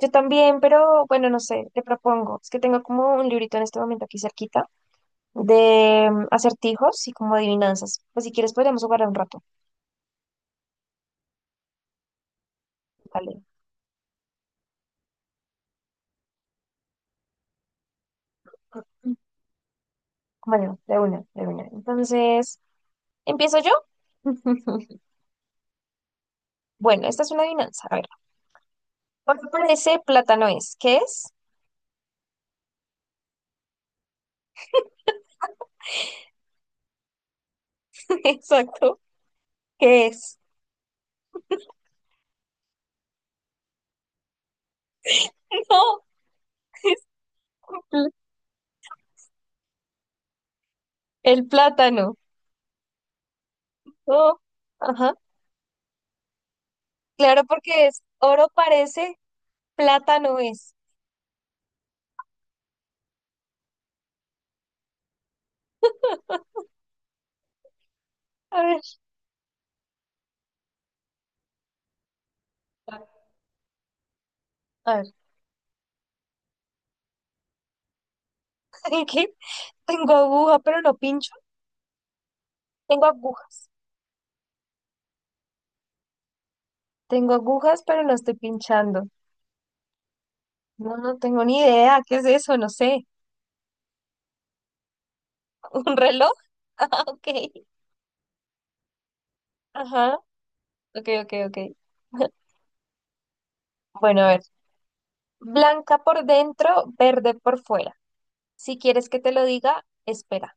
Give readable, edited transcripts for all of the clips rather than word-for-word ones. Yo también, pero bueno, no sé, te propongo. Es que tengo como un librito en este momento aquí cerquita de acertijos y como adivinanzas. Pues si quieres podríamos jugar un rato. Vale. Bueno, de una, de una. Entonces, ¿empiezo yo? Bueno, esta es una adivinanza. A ver, ¿por qué parece plátano es? ¿Qué es? Exacto. ¿Qué es? No, es pl- el plátano. Oh, ajá. Claro, porque es oro parece, plátano es. A ver, a ver, ¿qué? Tengo aguja, pero no pincho. Tengo agujas. Tengo agujas, pero no estoy pinchando. No, no tengo ni idea. ¿Qué es eso? No sé. ¿Un reloj? Ah, ok. Ajá. Ok, ok, ok. Bueno, a ver. Blanca por dentro, verde por fuera. Si quieres que te lo diga, espera.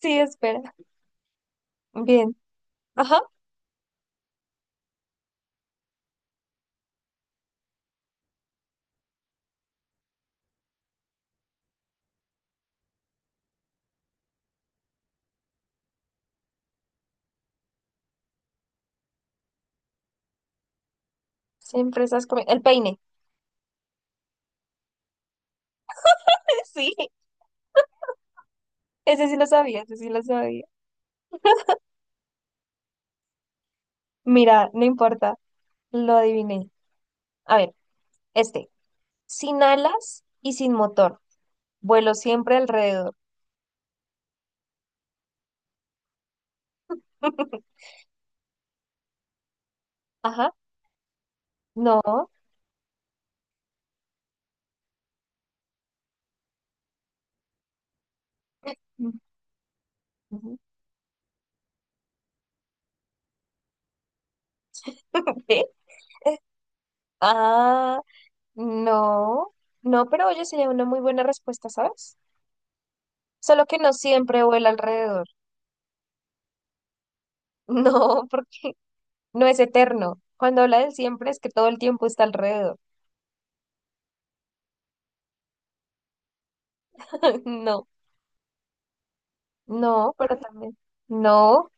Sí, espera. Bien. Ajá. Siempre estás comiendo. El peine. Sí. Ese sí lo sabía, ese sí lo sabía. Mira, no importa. Lo adiviné. A ver, este. Sin alas y sin motor. Vuelo siempre alrededor. Ajá, no. Ujú. ¿Qué? Ah, no. No, pero oye, sería una muy buena respuesta, ¿sabes? Solo que no siempre vuela alrededor. No, porque no es eterno. Cuando habla del siempre es que todo el tiempo está alrededor. No, no, pero también. No,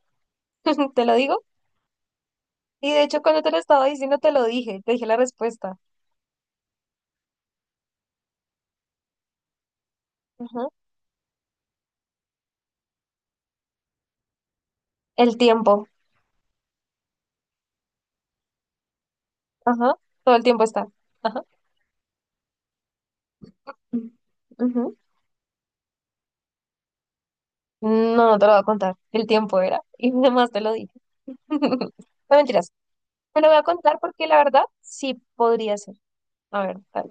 te lo digo. Y de hecho, cuando te lo estaba diciendo, te lo dije, te dije la respuesta. Ajá. El tiempo. Ajá. Todo el tiempo está. Ajá. Ujú. No, no te lo voy a contar. El tiempo era. Y además te lo dije. No mentiras. Te lo voy a contar porque la verdad sí podría ser. A ver, dale.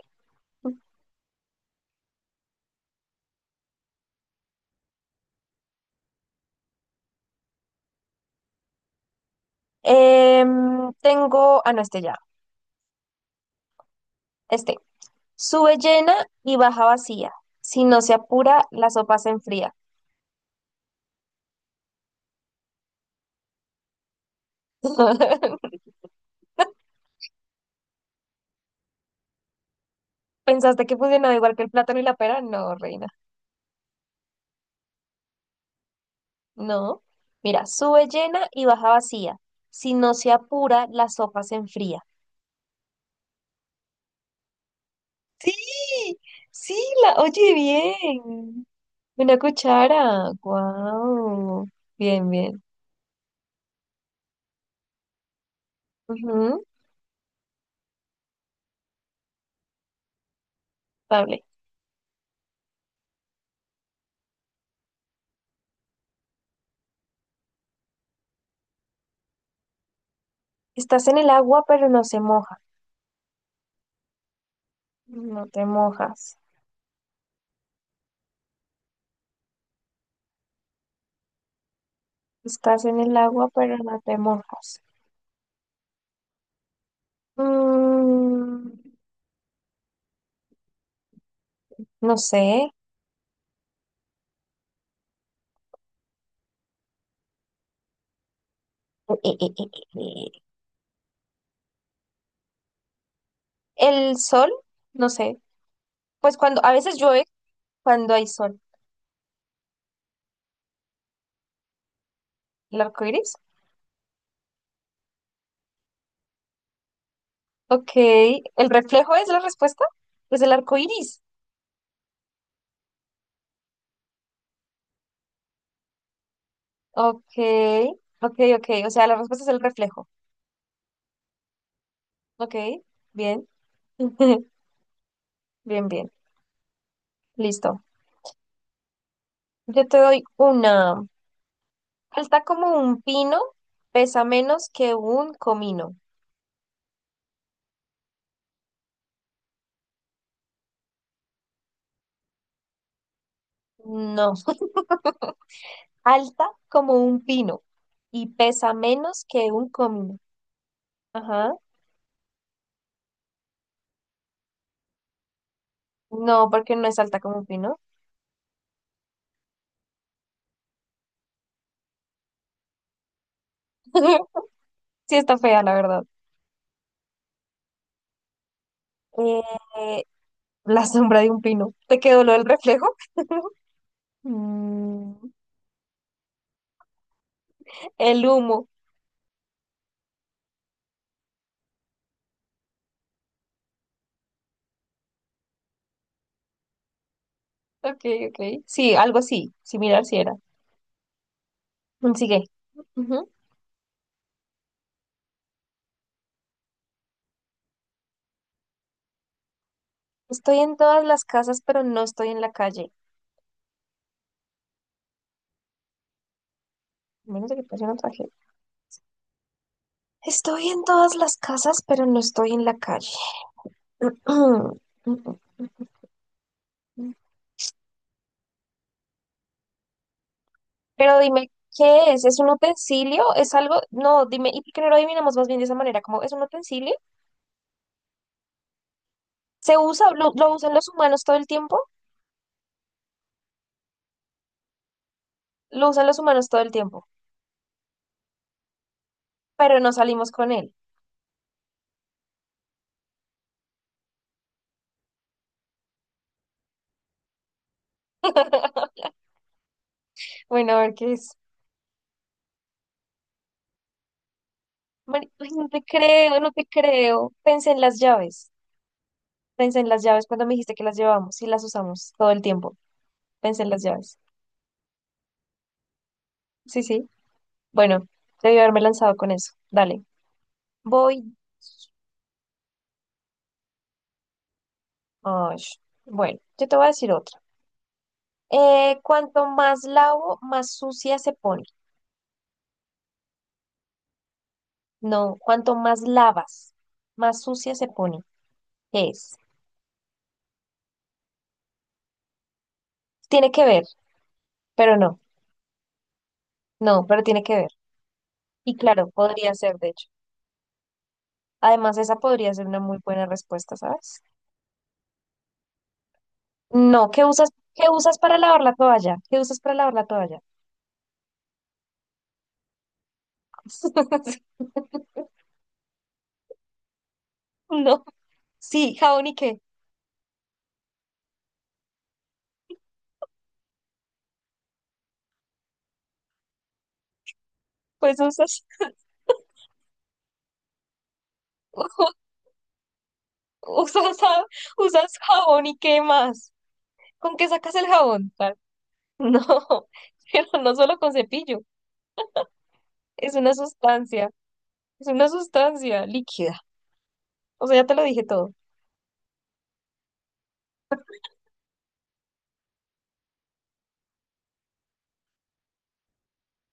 Tengo. Ah, no, este ya. Este. Sube llena y baja vacía. Si no se apura, la sopa se enfría. ¿Pensaste que funcionaba igual que el plátano y la pera? No, reina. No. Mira, sube llena y baja vacía. Si no se apura, la sopa se enfría. Sí, sí, la oye bien. Una cuchara. Wow. Bien, bien. Ujú. Vale. Estás en el agua, pero no se moja. No te mojas. Estás en el agua, pero no te mojas. Mm, no sé. El sol, no sé. Pues cuando a veces llueve, cuando hay sol. El arco iris. Ok. ¿El reflejo es la respuesta? Pues el arco iris. Ok. Ok, ok. O sea, la respuesta es el reflejo. Ok. Bien. Bien, bien. Listo. Yo te doy una. Alta como un pino, pesa menos que un comino. No. Alta como un pino y pesa menos que un comino. Ajá. No, porque no es alta como un pino. Sí está fea, la verdad. Eh, la sombra de un pino. ¿Te quedó lo del reflejo? Mm, el humo. Ok, ok. Sí, algo así. Similar si era. Sigue. Ujú. Estoy en todas las casas, pero no estoy en la calle. A menos de que pase una tragedia. Estoy en todas las casas, pero no estoy en la calle. Pero dime, ¿qué es? ¿Es un utensilio? ¿Es algo? No, dime, ¿y por qué no lo adivinamos más bien de esa manera? Como, ¿es un utensilio? ¿Se usa? ¿Lo usan los humanos todo el tiempo? Lo usan los humanos todo el tiempo, pero no salimos con él. Bueno, a ver qué es. Mari- Ay, no te creo, no te creo. Pensé en las llaves. Pensé en las llaves cuando me dijiste que las llevábamos y las usamos todo el tiempo. Pensé en las llaves. Sí, sí. Bueno, debí haberme lanzado con eso. Dale. Voy. Ay, bueno, yo te voy a decir otra. Cuanto más lavo, más sucia se pone. No, cuanto más lavas, más sucia se pone. ¿Qué es? Tiene que ver, pero no. No, pero tiene que ver. Y claro, podría ser, de hecho. Además, esa podría ser una muy buena respuesta, ¿sabes? No, qué usas para lavar la toalla? ¿Qué usas para lavar la toalla? No, sí, jabón y qué. Pues usas, usas, usas jabón y qué más. ¿Con qué sacas el jabón? Ah, no, pero no solo con cepillo. Es una sustancia, es una sustancia líquida. O sea, ya te lo dije todo.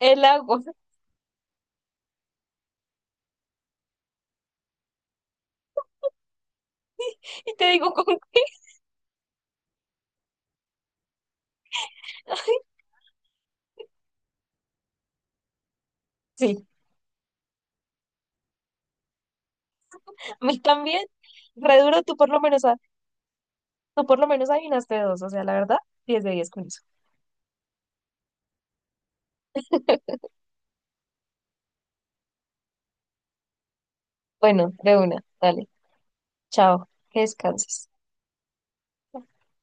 El agua. Y te digo con qué. Ay, sí, a mí también. Re duro, tú por lo menos, tú por lo menos adivinaste dos. O sea, la verdad, 10 de 10 con eso. Bueno, de una, dale. Chao, que descanses.